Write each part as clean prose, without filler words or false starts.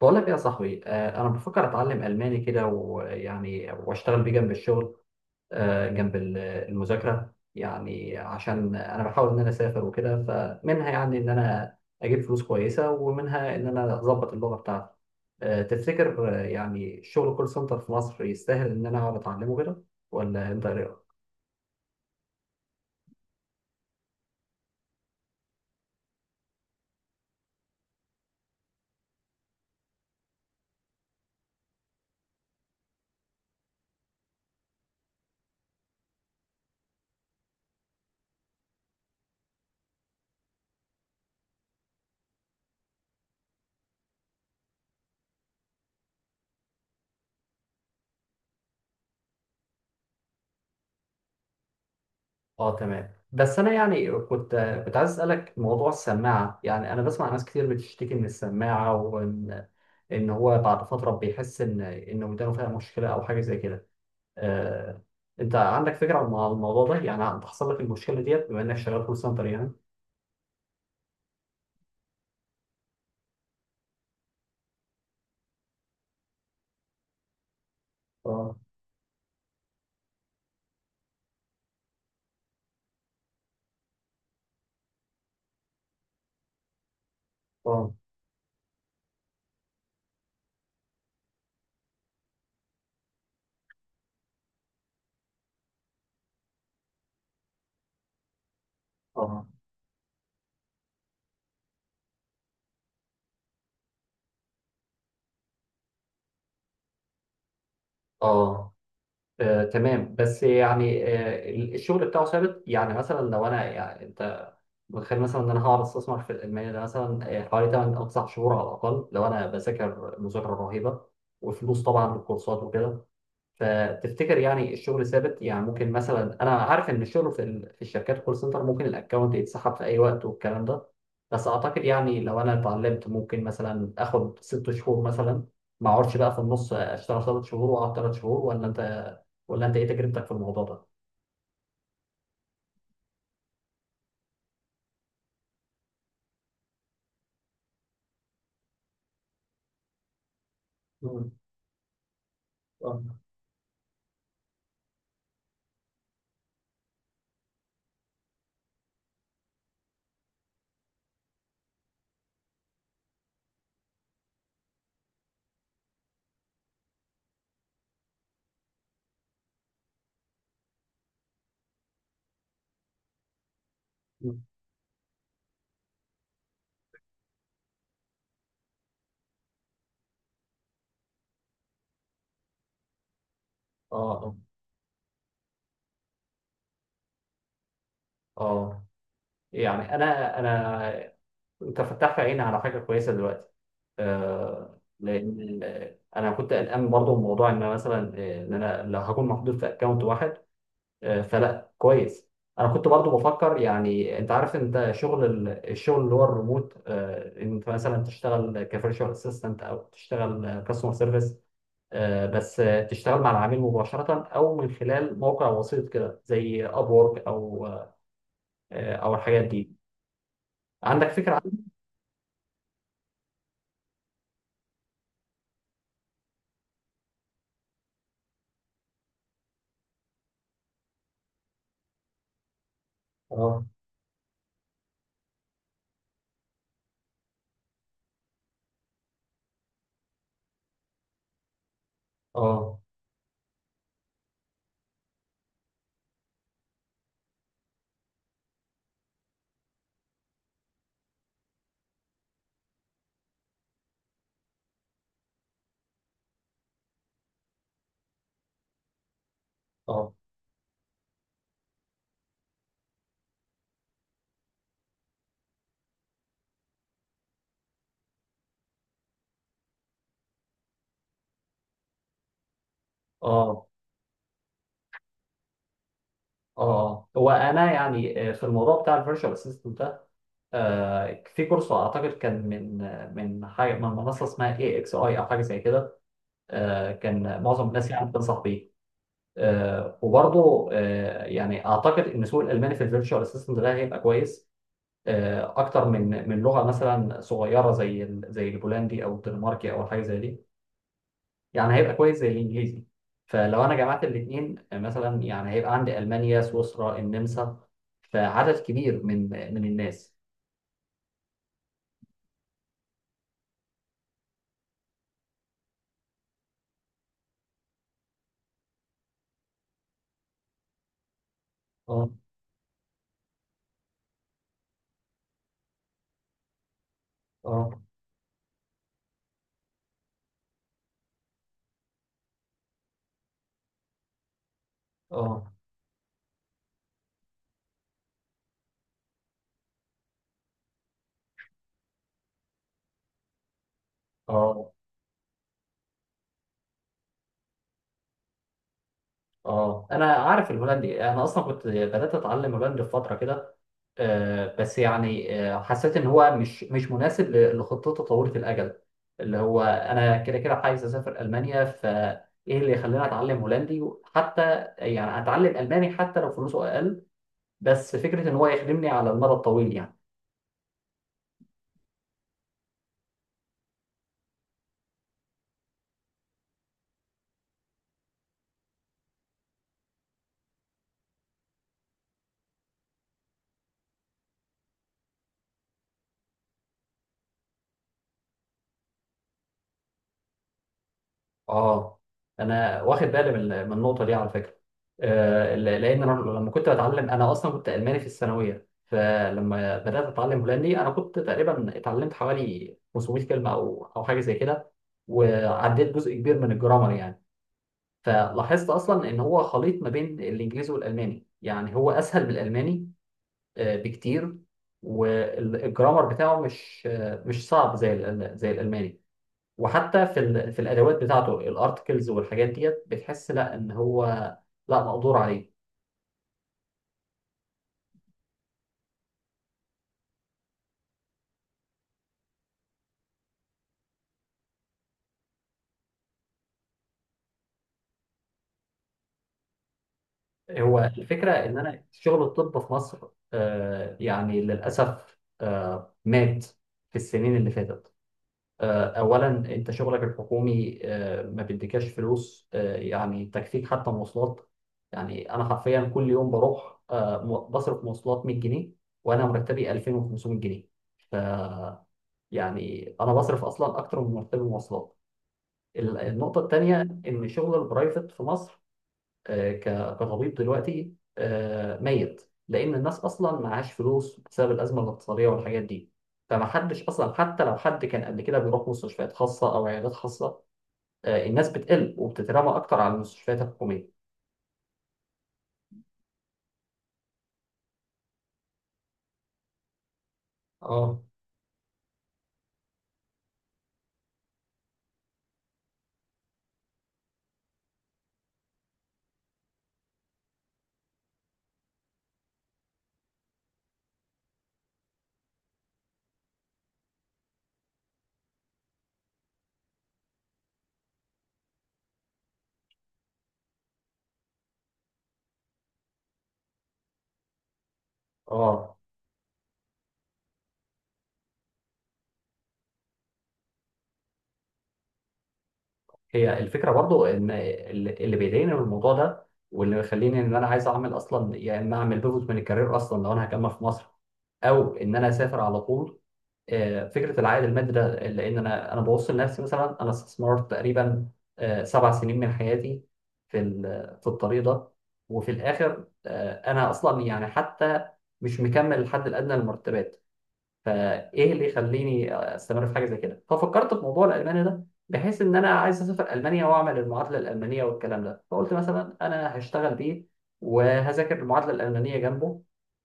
بقول لك إيه يا صاحبي انا بفكر اتعلم الماني كده، ويعني واشتغل بيه جنب الشغل. جنب المذاكره يعني، عشان انا بحاول ان انا اسافر وكده. فمنها يعني ان انا اجيب فلوس كويسه، ومنها ان انا اظبط اللغه بتاعتي. تفتكر، يعني الشغل كول سنتر في مصر يستاهل ان انا اقعد اتعلمه كده ولا انت إيه؟ اه، تمام. بس انا يعني كنت عايز اسالك موضوع السماعه. يعني انا بسمع ناس كتير بتشتكي من السماعه، وان ان هو بعد فتره بيحس ان ودانه فيها مشكله او حاجه زي كده. آه، انت عندك فكره عن الموضوع ده؟ يعني بتحصل لك المشكله ديت بما انك شغال كول سنتر يعني؟ اه، اه، اه، اه. تمام، بس يعني، الشغل بتاعه ثابت؟ يعني مثلا لو انا يعني، انت متخيل مثلا ان انا هقعد استثمر في الالماني ده مثلا حوالي 8 او 9 شهور على الاقل، لو انا بذاكر مذاكره رهيبه وفلوس طبعا للكورسات وكده. فتفتكر يعني الشغل ثابت؟ يعني ممكن مثلا، انا عارف ان الشغل في في الشركات كول سنتر ممكن الاكونت يتسحب في اي وقت والكلام ده، بس اعتقد يعني لو انا اتعلمت ممكن مثلا اخد ست شهور مثلا، ما اقعدش بقى في النص، اشتغل ثلاث شهور واقعد ثلاث شهور. ولا انت، ولا انت ايه تجربتك في الموضوع ده؟ مم. آه. مم. اه، اه، اه. يعني انا، انت فتحت عيني على حاجه كويسه دلوقتي. لان انا كنت قلقان برضه من موضوع ان أنا مثلا ان انا لو هكون محدود في اكونت واحد. فلا، كويس. انا كنت برضه بفكر يعني، انت عارف انت شغل الشغل اللي هو الريموت، ان انت مثلا تشتغل كفيرتشوال اسيستنت او تشتغل كاستمر سيرفيس. بس تشتغل مع العميل مباشرة او من خلال موقع وسيط كده زي ابورك او او الحاجات دي. عندك فكرة عن، اه، اه، اه، اه، اه. هو انا يعني في الموضوع بتاع الفيرتشوال اسيستنت ده، في كورس اعتقد كان من من حاجه من منصه اسمها اي اكس اي او حاجه زي كده. كان معظم الناس يعني بتنصح بيه. وبرضه يعني اعتقد ان سوق الالماني في الفيرتشوال اسيستنت ده هيبقى كويس. اكتر من لغه مثلا صغيره زي زي البولندي او الدنماركي او حاجه زي دي. يعني هيبقى كويس زي الانجليزي. فلو انا جمعت الاثنين مثلا يعني هيبقى عندي المانيا، سويسرا، النمسا. فعدد كبير من الناس. اه، اه، اه، اه، اه. انا عارف الهولندي، انا اصلا كنت بدات اتعلم هولندي في فتره كده. بس يعني حسيت ان هو مش مناسب لخطته طويله الاجل، اللي هو انا كده كده عايز اسافر المانيا. فايه اللي يخليني اتعلم هولندي حتى؟ يعني اتعلم الماني حتى لو فلوسه اقل، بس فكرة إن هو يخدمني على المدى الطويل يعني. آه أنا واخد بالي من النقطة دي على فكرة. لأن أنا لما كنت بتعلم، أنا أصلا كنت ألماني في الثانوية، فلما بدأت أتعلم هولندي أنا كنت تقريبا اتعلمت حوالي 500 كلمة أو حاجة زي كده، وعديت جزء كبير من الجرامر يعني. فلاحظت أصلا إن هو خليط ما بين الإنجليزي والألماني، يعني هو أسهل من الألماني بكتير. والجرامر بتاعه مش مش صعب زي زي الألماني. وحتى في في الادوات بتاعته الارتكلز والحاجات ديت بتحس لا ان هو، لا، مقدور عليه. هو الفكره ان انا شغل الطب في مصر يعني للاسف مات في السنين اللي فاتت. اولا، انت شغلك الحكومي ما بيديكاش فلوس، يعني تكفيك حتى مواصلات. يعني انا حرفيا كل يوم بروح بصرف مواصلات 100 جنيه، وانا مرتبي 2500 جنيه. يعني انا بصرف اصلا اكتر من مرتبي مواصلات. النقطة التانية، إن شغل البرايفت في مصر كطبيب دلوقتي ميت، لأن الناس أصلا معهاش فلوس بسبب الأزمة الاقتصادية والحاجات دي. فمحدش أصلا، حتى لو حد كان قبل كده بيروح مستشفيات خاصة أو عيادات خاصة، الناس بتقل وبتترمى أكتر على المستشفيات الحكومية. اه، اه. هي الفكرة برضو إن اللي بيضايقني من الموضوع ده، واللي مخليني إن أنا عايز أعمل أصلا يا إما أعمل بيفوت من الكارير أصلا لو أنا هكمل في مصر، او ان انا اسافر على طول. فكره العائد المادي ده، لان انا ببص لنفسي. مثلا انا استثمرت تقريبا سبع سنين من حياتي في في الطريق ده، وفي الاخر انا اصلا يعني حتى مش مكمل الحد الادنى للمرتبات. فايه اللي يخليني استمر في حاجه زي كده؟ ففكرت في موضوع الالماني ده، بحيث ان انا عايز اسافر المانيا واعمل المعادله الالمانيه والكلام ده، فقلت مثلا انا هشتغل بيه وهذاكر المعادله الالمانيه جنبه،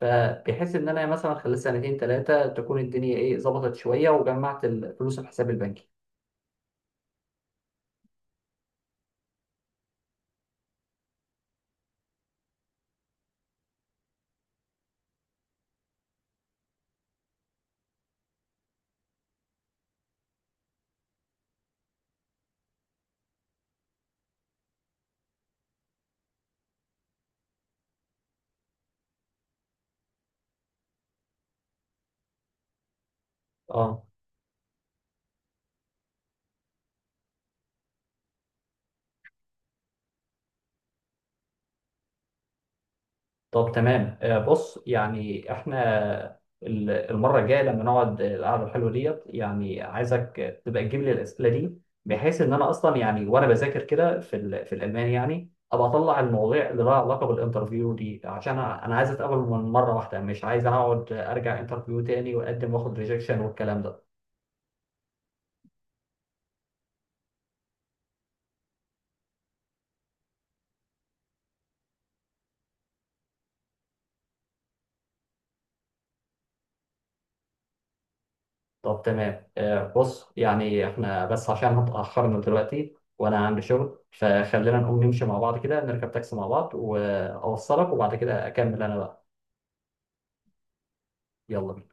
فبحيث ان انا مثلا خلال سنتين ثلاثه تكون الدنيا ايه، ظبطت شويه وجمعت الفلوس في حساب البنكي. اه. طب، تمام. بص يعني احنا المره الجايه لما نقعد القعده الحلوه ديت، يعني عايزك تبقى تجيب لي الاسئله دي، بحيث ان انا اصلا يعني، وانا بذاكر كده في في الالماني، يعني ابقى اطلع المواضيع اللي لها علاقه بالانترفيو دي، عشان انا عايز اتقابل من مره واحده، مش عايز اقعد ارجع انترفيو تاني واقدم واخد ريجكشن والكلام ده. طب، تمام. بص يعني احنا، بس عشان اتأخرنا دلوقتي وانا عندي شغل، فخلينا نقوم نمشي مع بعض كده، نركب تاكسي مع بعض واوصلك، وبعد كده اكمل انا بقى. يلا بينا.